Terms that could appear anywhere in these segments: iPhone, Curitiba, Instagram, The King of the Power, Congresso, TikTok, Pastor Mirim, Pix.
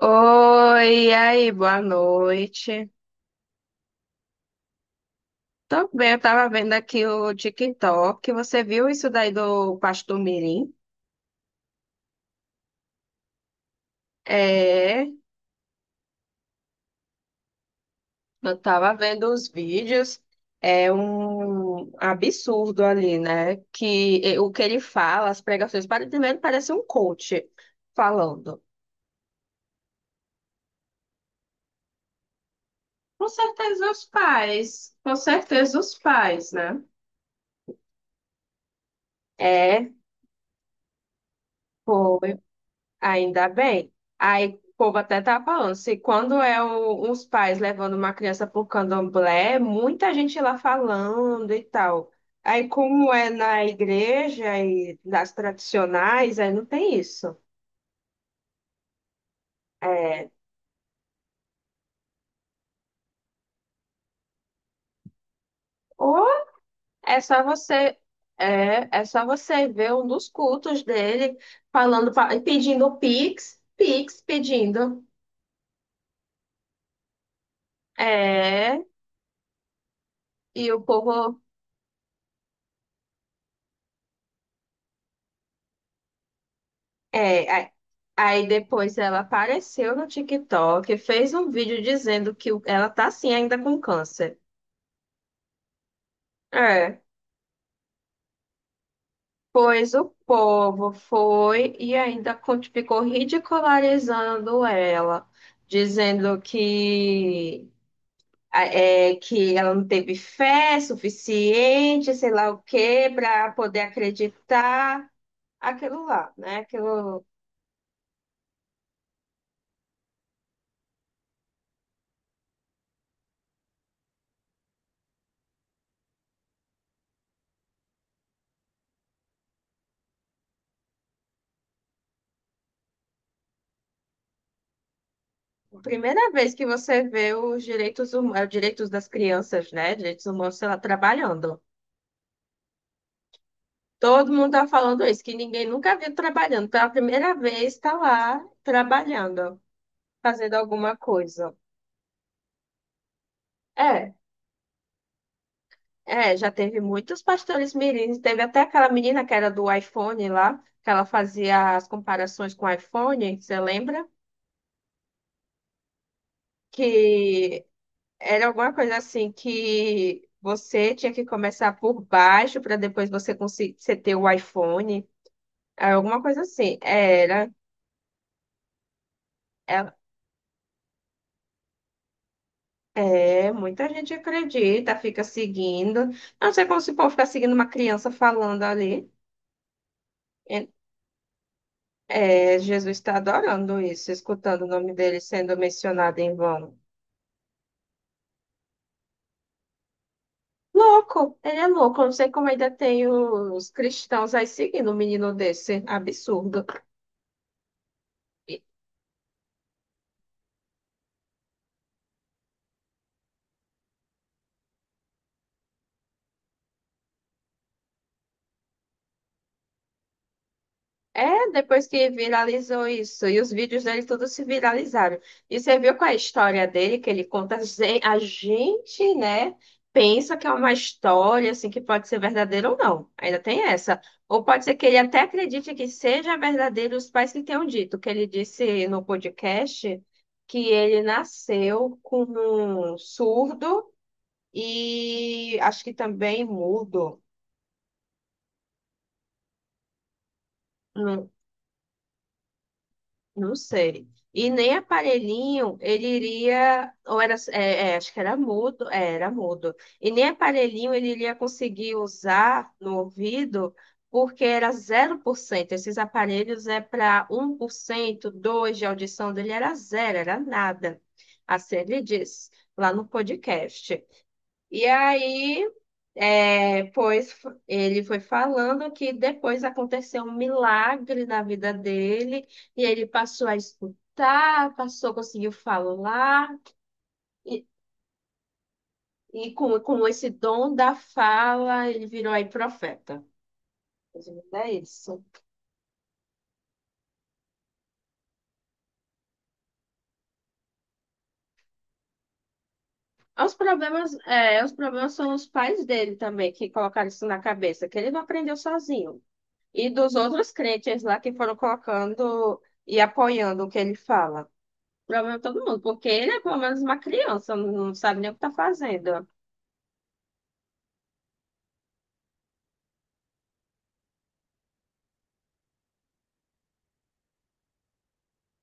Oi, e aí, boa noite. Tô bem, eu tava vendo aqui o TikTok. Você viu isso daí do Pastor Mirim? É, eu tava vendo os vídeos. É um absurdo ali, né? Que o que ele fala, as pregações, primeiro parece um coach falando. Com certeza os pais, com certeza os pais, né? É, foi. Ainda bem. Aí o povo até tá falando, se quando uns pais levando uma criança pro candomblé, muita gente lá falando e tal. Aí como é na igreja e das tradicionais, aí não tem isso. É, ou é só você é, só você ver um dos cultos dele falando, pedindo Pix, Pix pedindo. É, e o povo é, aí depois ela apareceu no TikTok, fez um vídeo dizendo que ela tá assim ainda com câncer. É, pois o povo foi e ainda ficou ridicularizando ela, dizendo que é, que ela não teve fé suficiente, sei lá o quê, para poder acreditar aquilo lá, né? Aquilo... A primeira vez que você vê os direitos, direitos das crianças, né? Direitos humanos, sei lá, trabalhando. Todo mundo tá falando isso, que ninguém nunca viu trabalhando. Pela primeira vez está lá trabalhando, fazendo alguma coisa. É, é, já teve muitos pastores mirins. Teve até aquela menina que era do iPhone lá, que ela fazia as comparações com o iPhone, você lembra? Que era alguma coisa assim, que você tinha que começar por baixo para depois você conseguir você ter o iPhone. Era alguma coisa assim. Era. É, é, muita gente acredita, fica seguindo. Não sei como se o povo fica seguindo uma criança falando ali. É, é, Jesus está adorando isso, escutando o nome dele sendo mencionado em vão. Louco, ele é louco. Eu não sei como ainda tem os cristãos aí seguindo um menino desse. Absurdo. É, depois que viralizou isso, e os vídeos dele todos se viralizaram. E você viu qual é a história dele, que ele conta, a gente, né, pensa que é uma história, assim, que pode ser verdadeira ou não. Ainda tem essa. Ou pode ser que ele até acredite que seja verdadeiro, os pais que tenham dito, que ele disse no podcast que ele nasceu com um surdo e acho que também mudo. Não sei. E nem aparelhinho ele iria, ou era, acho que era mudo, é, era mudo. E nem aparelhinho ele iria conseguir usar no ouvido, porque era zero por cento. Esses aparelhos é para um 1%, 2% de audição dele, era zero, era nada. Assim ele diz lá no podcast. E aí, é, ele foi falando que depois aconteceu um milagre na vida dele, e ele passou a escutar, passou, conseguiu falar, e, com esse dom da fala, ele virou aí profeta. É isso. Os problemas, é, os problemas são os pais dele também, que colocaram isso na cabeça, que ele não aprendeu sozinho. E dos outros crentes lá que foram colocando e apoiando o que ele fala. Problema todo mundo, porque ele é pelo menos uma criança, não sabe nem o que tá fazendo.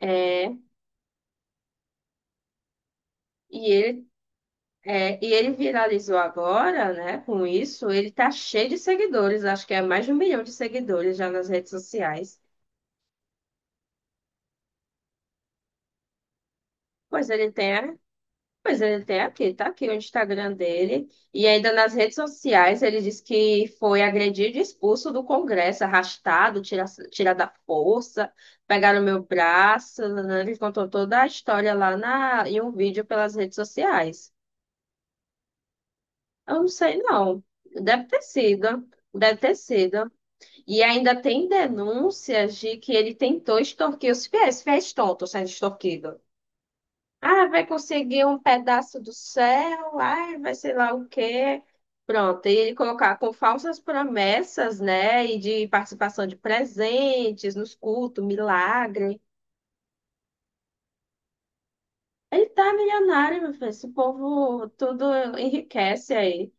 É, e ele, é, e ele viralizou agora, né? Com isso, ele tá cheio de seguidores, acho que é mais de 1 milhão de seguidores já nas redes sociais. Pois ele tem Pois ele tem aqui, tá aqui o Instagram dele. E ainda nas redes sociais ele disse que foi agredido e expulso do Congresso, arrastado, tirado à força, pegaram meu braço, né? Ele contou toda a história lá em um vídeo pelas redes sociais. Eu não sei, não. Deve ter sido. Deve ter sido. E ainda tem denúncias de que ele tentou extorquir os fiéis, fiéis tontos sendo extorquidos. Ah, vai conseguir um pedaço do céu, ai, vai sei lá o quê. Pronto, e ele colocar com falsas promessas, né? E de participação de presentes nos cultos, milagre. Ele tá milionário, meu filho. Esse povo tudo enriquece aí.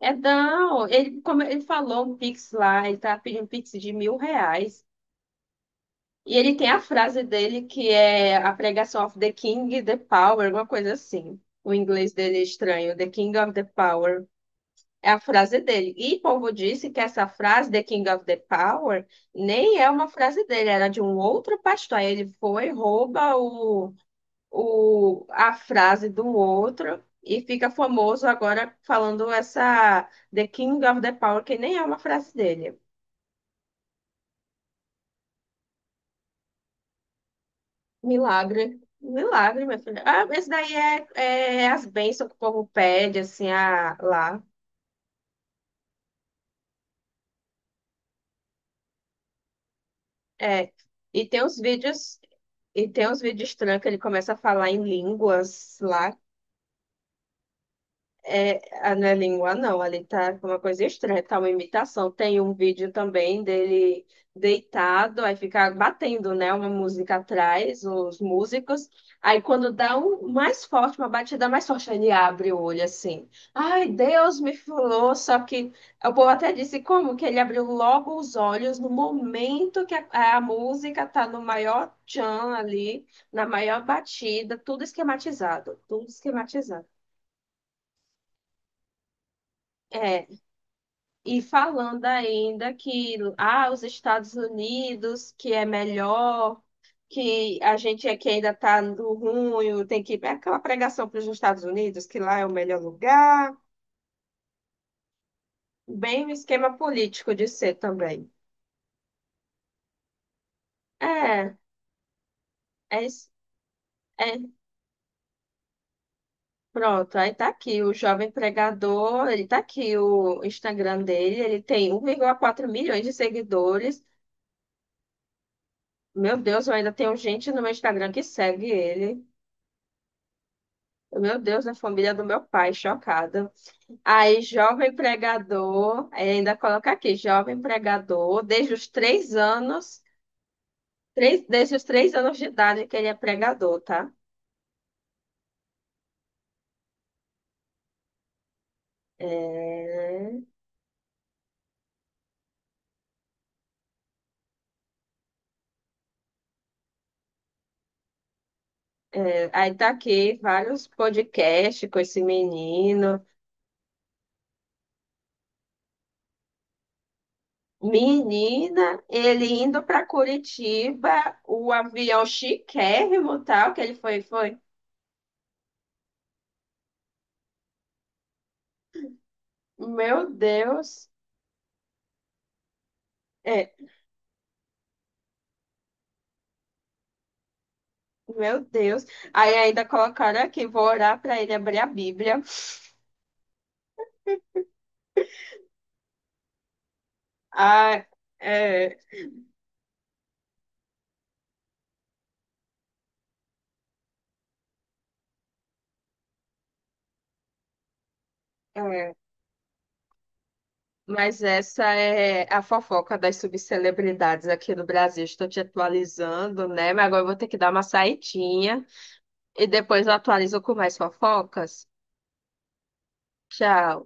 É, não, ele, como ele falou um Pix lá, ele tá pedindo um Pix de 1.000 reais. E ele tem a frase dele que é a pregação of the King, the power, alguma coisa assim. O inglês dele é estranho, the King of the Power, é a frase dele. E povo disse que essa frase, The King of the Power, nem é uma frase dele, era de um outro pastor. Aí ele foi, rouba a frase do outro e fica famoso agora falando essa The King of the Power, que nem é uma frase dele. Milagre, milagre, minha filha. Ah, esse daí é, é as bênçãos que o povo pede, assim, a, lá. É, e tem uns vídeos, e tem uns vídeos estranhos que ele começa a falar em línguas lá. É, ah, não é língua, não. Ali tá uma coisa estranha, tá uma imitação. Tem um vídeo também dele deitado, aí fica batendo, né? Uma música atrás, os músicos. Aí quando dá um mais forte, uma batida mais forte, ele abre o olho assim. Ai, Deus me falou, só que o povo até disse como que ele abriu logo os olhos no momento que a música tá no maior tchan ali, na maior batida, tudo esquematizado, tudo esquematizado. É, e falando ainda que ah, os Estados Unidos, que é melhor, que a gente aqui ainda está no ruim, tem que ir. É aquela pregação para os Estados Unidos, que lá é o melhor lugar. Bem o esquema político de ser também. É, é, isso- é. Pronto, aí tá aqui o jovem pregador, ele tá aqui o Instagram dele, ele tem 1,4 milhões de seguidores. Meu Deus, eu ainda tenho gente no meu Instagram que segue ele. Meu Deus, na família do meu pai, chocada. Aí, jovem pregador, aí ainda coloca aqui, jovem pregador, desde os 3 anos, desde os três anos de idade que ele é pregador, tá? É, aí tá aqui vários podcasts com esse menino. Menina, ele indo para Curitiba, o avião chiquérrimo, tal, que ele foi, foi. Meu Deus. É. Meu Deus. Aí ainda colocaram aqui, vou orar para ele abrir a Bíblia. Ah, é, é. Mas essa é a fofoca das subcelebridades aqui no Brasil. Estou te atualizando, né? Mas agora eu vou ter que dar uma saidinha e depois eu atualizo com mais fofocas. Tchau.